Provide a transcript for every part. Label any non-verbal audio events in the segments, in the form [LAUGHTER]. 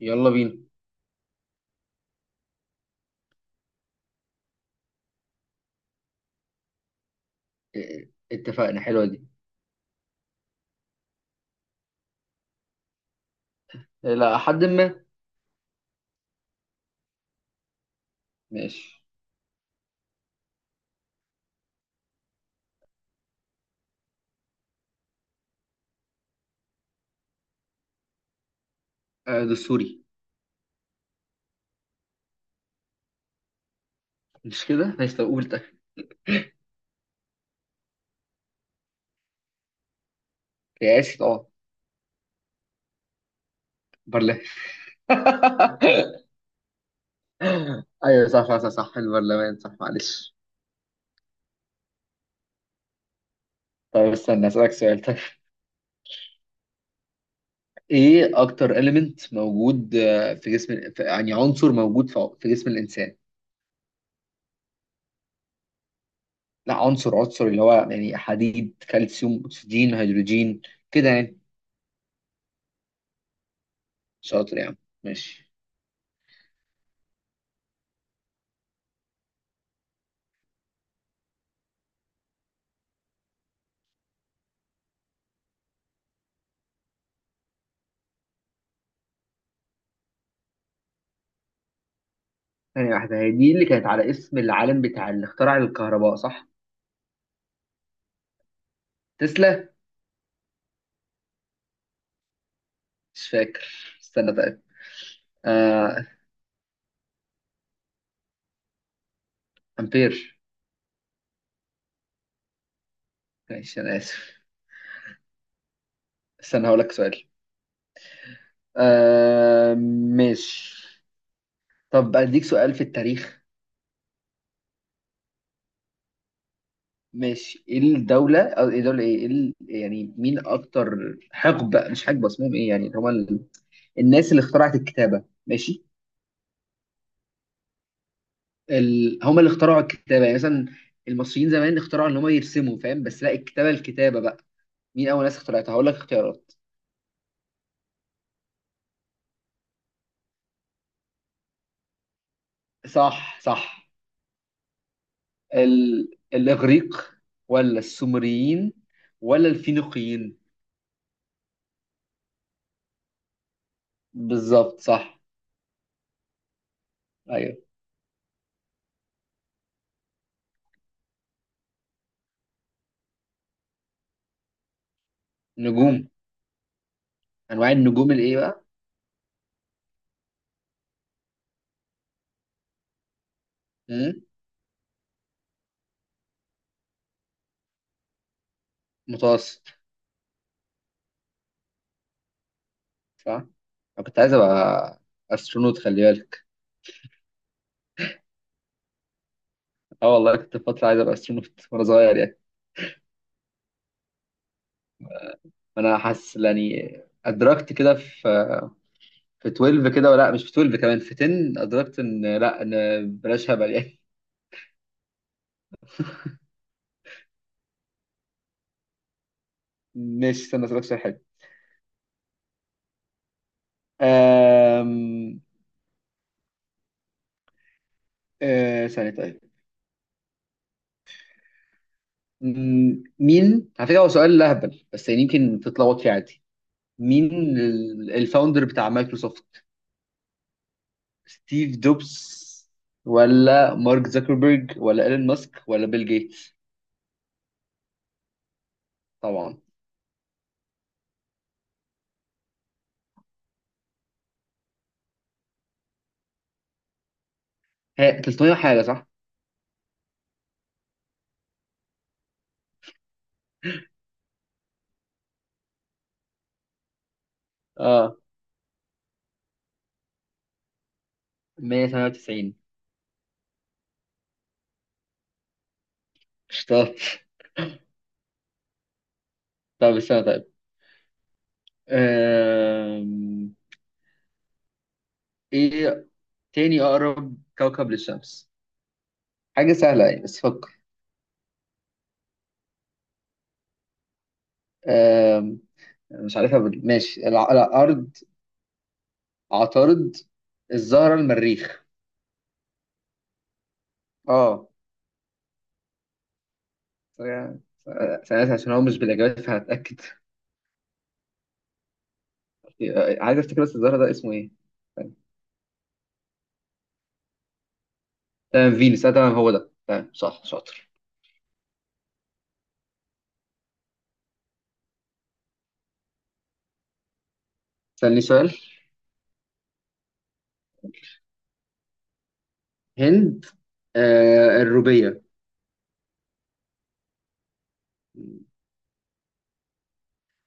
يلا بينا. إيه، اتفقنا. حلوة دي. إيه، لا حد ما. ماشي. دستوري. مش كده، ماشي. طب قول ده. رئاسي طبعا. برلمان. [LAUGHS] ايوه، صح صح صح صح البرلمان. صح، معلش. طيب استنى، اسألك سؤال. طيب ايه اكتر إليمنت موجود في جسم، يعني عنصر موجود في جسم الانسان. لا، عنصر عنصر اللي هو يعني حديد، كالسيوم، اكسجين، هيدروجين، كده يعني. شاطر يعني. ماشي. ثانية واحدة، هي دي اللي كانت على اسم العالم بتاع اللي اخترع الكهرباء، صح؟ تسلا. مش فاكر. استنى طيب. آه... امبير. ماشي، انا اسف. استنى هقول لك سؤال. آه... ماشي. طب اديك سؤال في التاريخ. ماشي، ايه الدولة، او ايه دولة ايه، إيه يعني، مين اكتر حقبة، مش حقبة، اسمهم ايه يعني، اللي هما الناس اللي اخترعت الكتابة، ماشي. هما اللي اخترعوا الكتابة، يعني مثلا المصريين زمان اخترعوا ان هما يرسموا، فاهم؟ بس لا، الكتابة الكتابة بقى. مين اول ناس اخترعتها؟ هقول لك اختيارات. صح صح. الإغريق، ولا السومريين، ولا الفينيقيين؟ بالظبط صح. أيوه. نجوم. أنواع النجوم الإيه بقى؟ مم؟ متوسط. صح. أنا كنت عايز أبقى أسترونوت، خلي بالك. أه والله، كنت فترة عايز أبقى أسترونوت وأنا صغير يعني. أنا حاسس يعني. أدركت كده في 12 كده، ولا مش في 12، كمان في 10 أدركت إن، لا إن بلاش هبل يعني. [LAUGHS] ماشي، استنى أسألك سؤال حلو. أم... أه ثانية طيب. مين على فكرة، هو سؤال لهبل بس يعني، يمكن تتلخبط فيه عادي. مين الفاوندر بتاع مايكروسوفت؟ ستيف جوبز، ولا مارك زكربرج، ولا ايلون ماسك، ولا بيل جيتس؟ طبعا. هي 300 حاجة صح. اه 198. اشتغلت. طب استنى طيب. أم... ايه تاني اقرب كوكب للشمس؟ حاجة سهلة يعني، بس فكر. أم... مش عارفها ماشي. الارض، عطارد، الزهرة، المريخ. اه. ف- سألت عشان هو مش بالإجابات، فهتأكد. [LAUGHS] عايز أفتكر بس، الزهرة ده اسمه إيه؟ طيب. تمام، فينوس تمام، هو ده، تمام صح شاطر. سألني سؤال. هند. آه الروبية.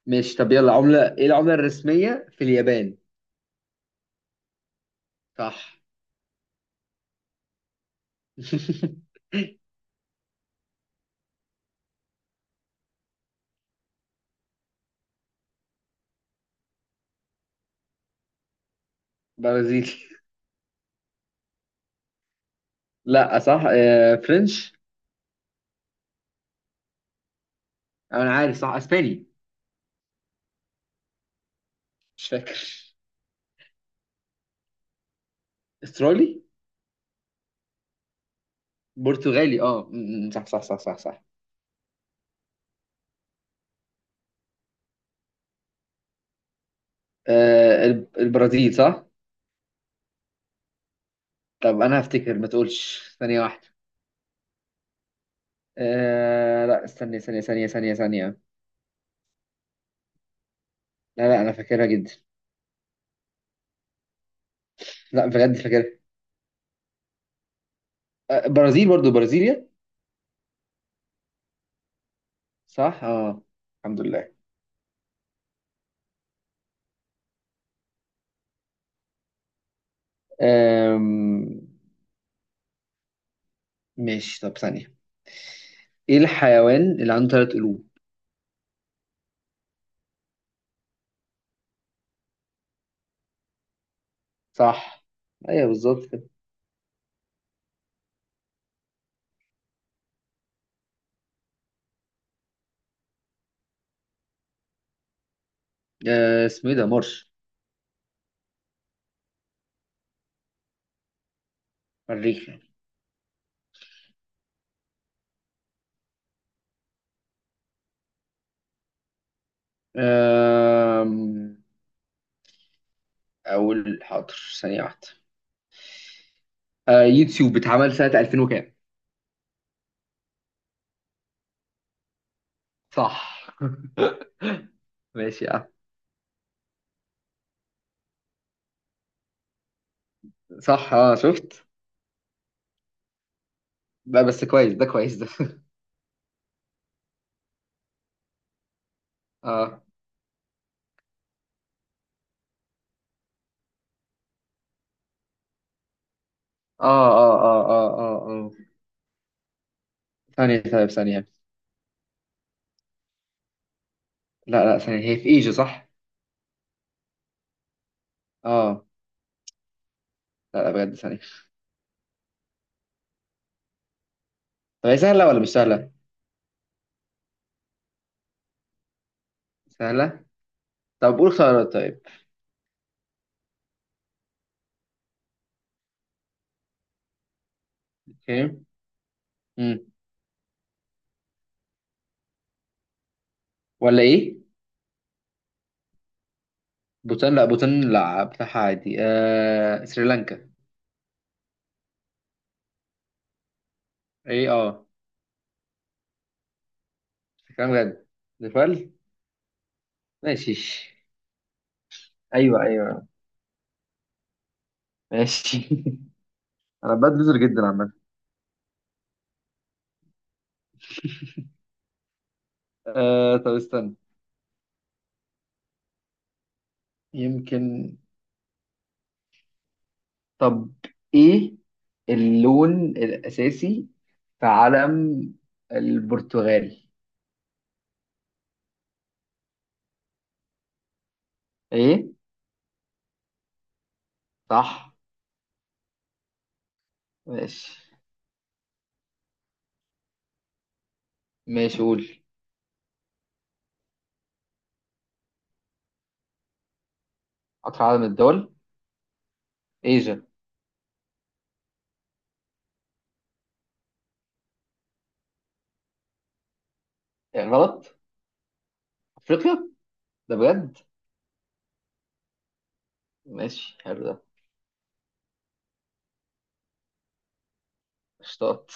ماشي، طب يلا، عملة إيه العملة الرسمية في اليابان؟ صح. [LAUGHS] برازيلي. لا صح، آه فرنش. أنا عارف، صح، أسباني. مش فاكر. استرالي. برتغالي، اه، صح صح صح صح صح. آه البرازيل صح. طب انا هفتكر، ما تقولش، ثانية واحدة. آه لا، استني، ثانية ثانية ثانية ثانية. لا لا، انا فاكرها جدا. لا بجد فاكرها. آه برازيل، برضو برازيليا. صح اه. الحمد لله. آم... ماشي، طب ثانية. ايه الحيوان اللي عنده ثلاث قلوب؟ صح. ايوه بالظبط كده. آه اسمه ايه ده؟ مرش، مريخ يعني. آم... اول حاضر، ثانية واحدة. آه يوتيوب اتعمل سنة 2000 وكام؟ صح ماشي، اه. صح اه، شفت. لا بس كويس ده، كويس ده. [LAUGHS] اه اه اه اه اه اه اه. ثانية طيب ثانية. لا لا ثانية، هي في ايجو صح؟ اه. لا لا بجد، ثانية. طب هي سهلة ولا مش سهلة؟ سهلة؟ طب قول خيارات طيب. اوكي. امم. ولا ايه؟ بوتان، لا بوتان، لا بتاعها عادي. آه سريلانكا. ايه، اه. كلام بجد. نيبال. ماشي. ايوه ايوه. ماشي. [LAUGHS] انا بدلزر جدا عامة. آه طب استنى. يمكن. طب ايه اللون الاساسي في علم البرتغال؟ ايه. صح. ماشي. ماشي قول. اكتر عدد من الدول. ايجا. إيه غلط. افريقيا. ده بجد؟ ماشي، حلو ده. اشتاط.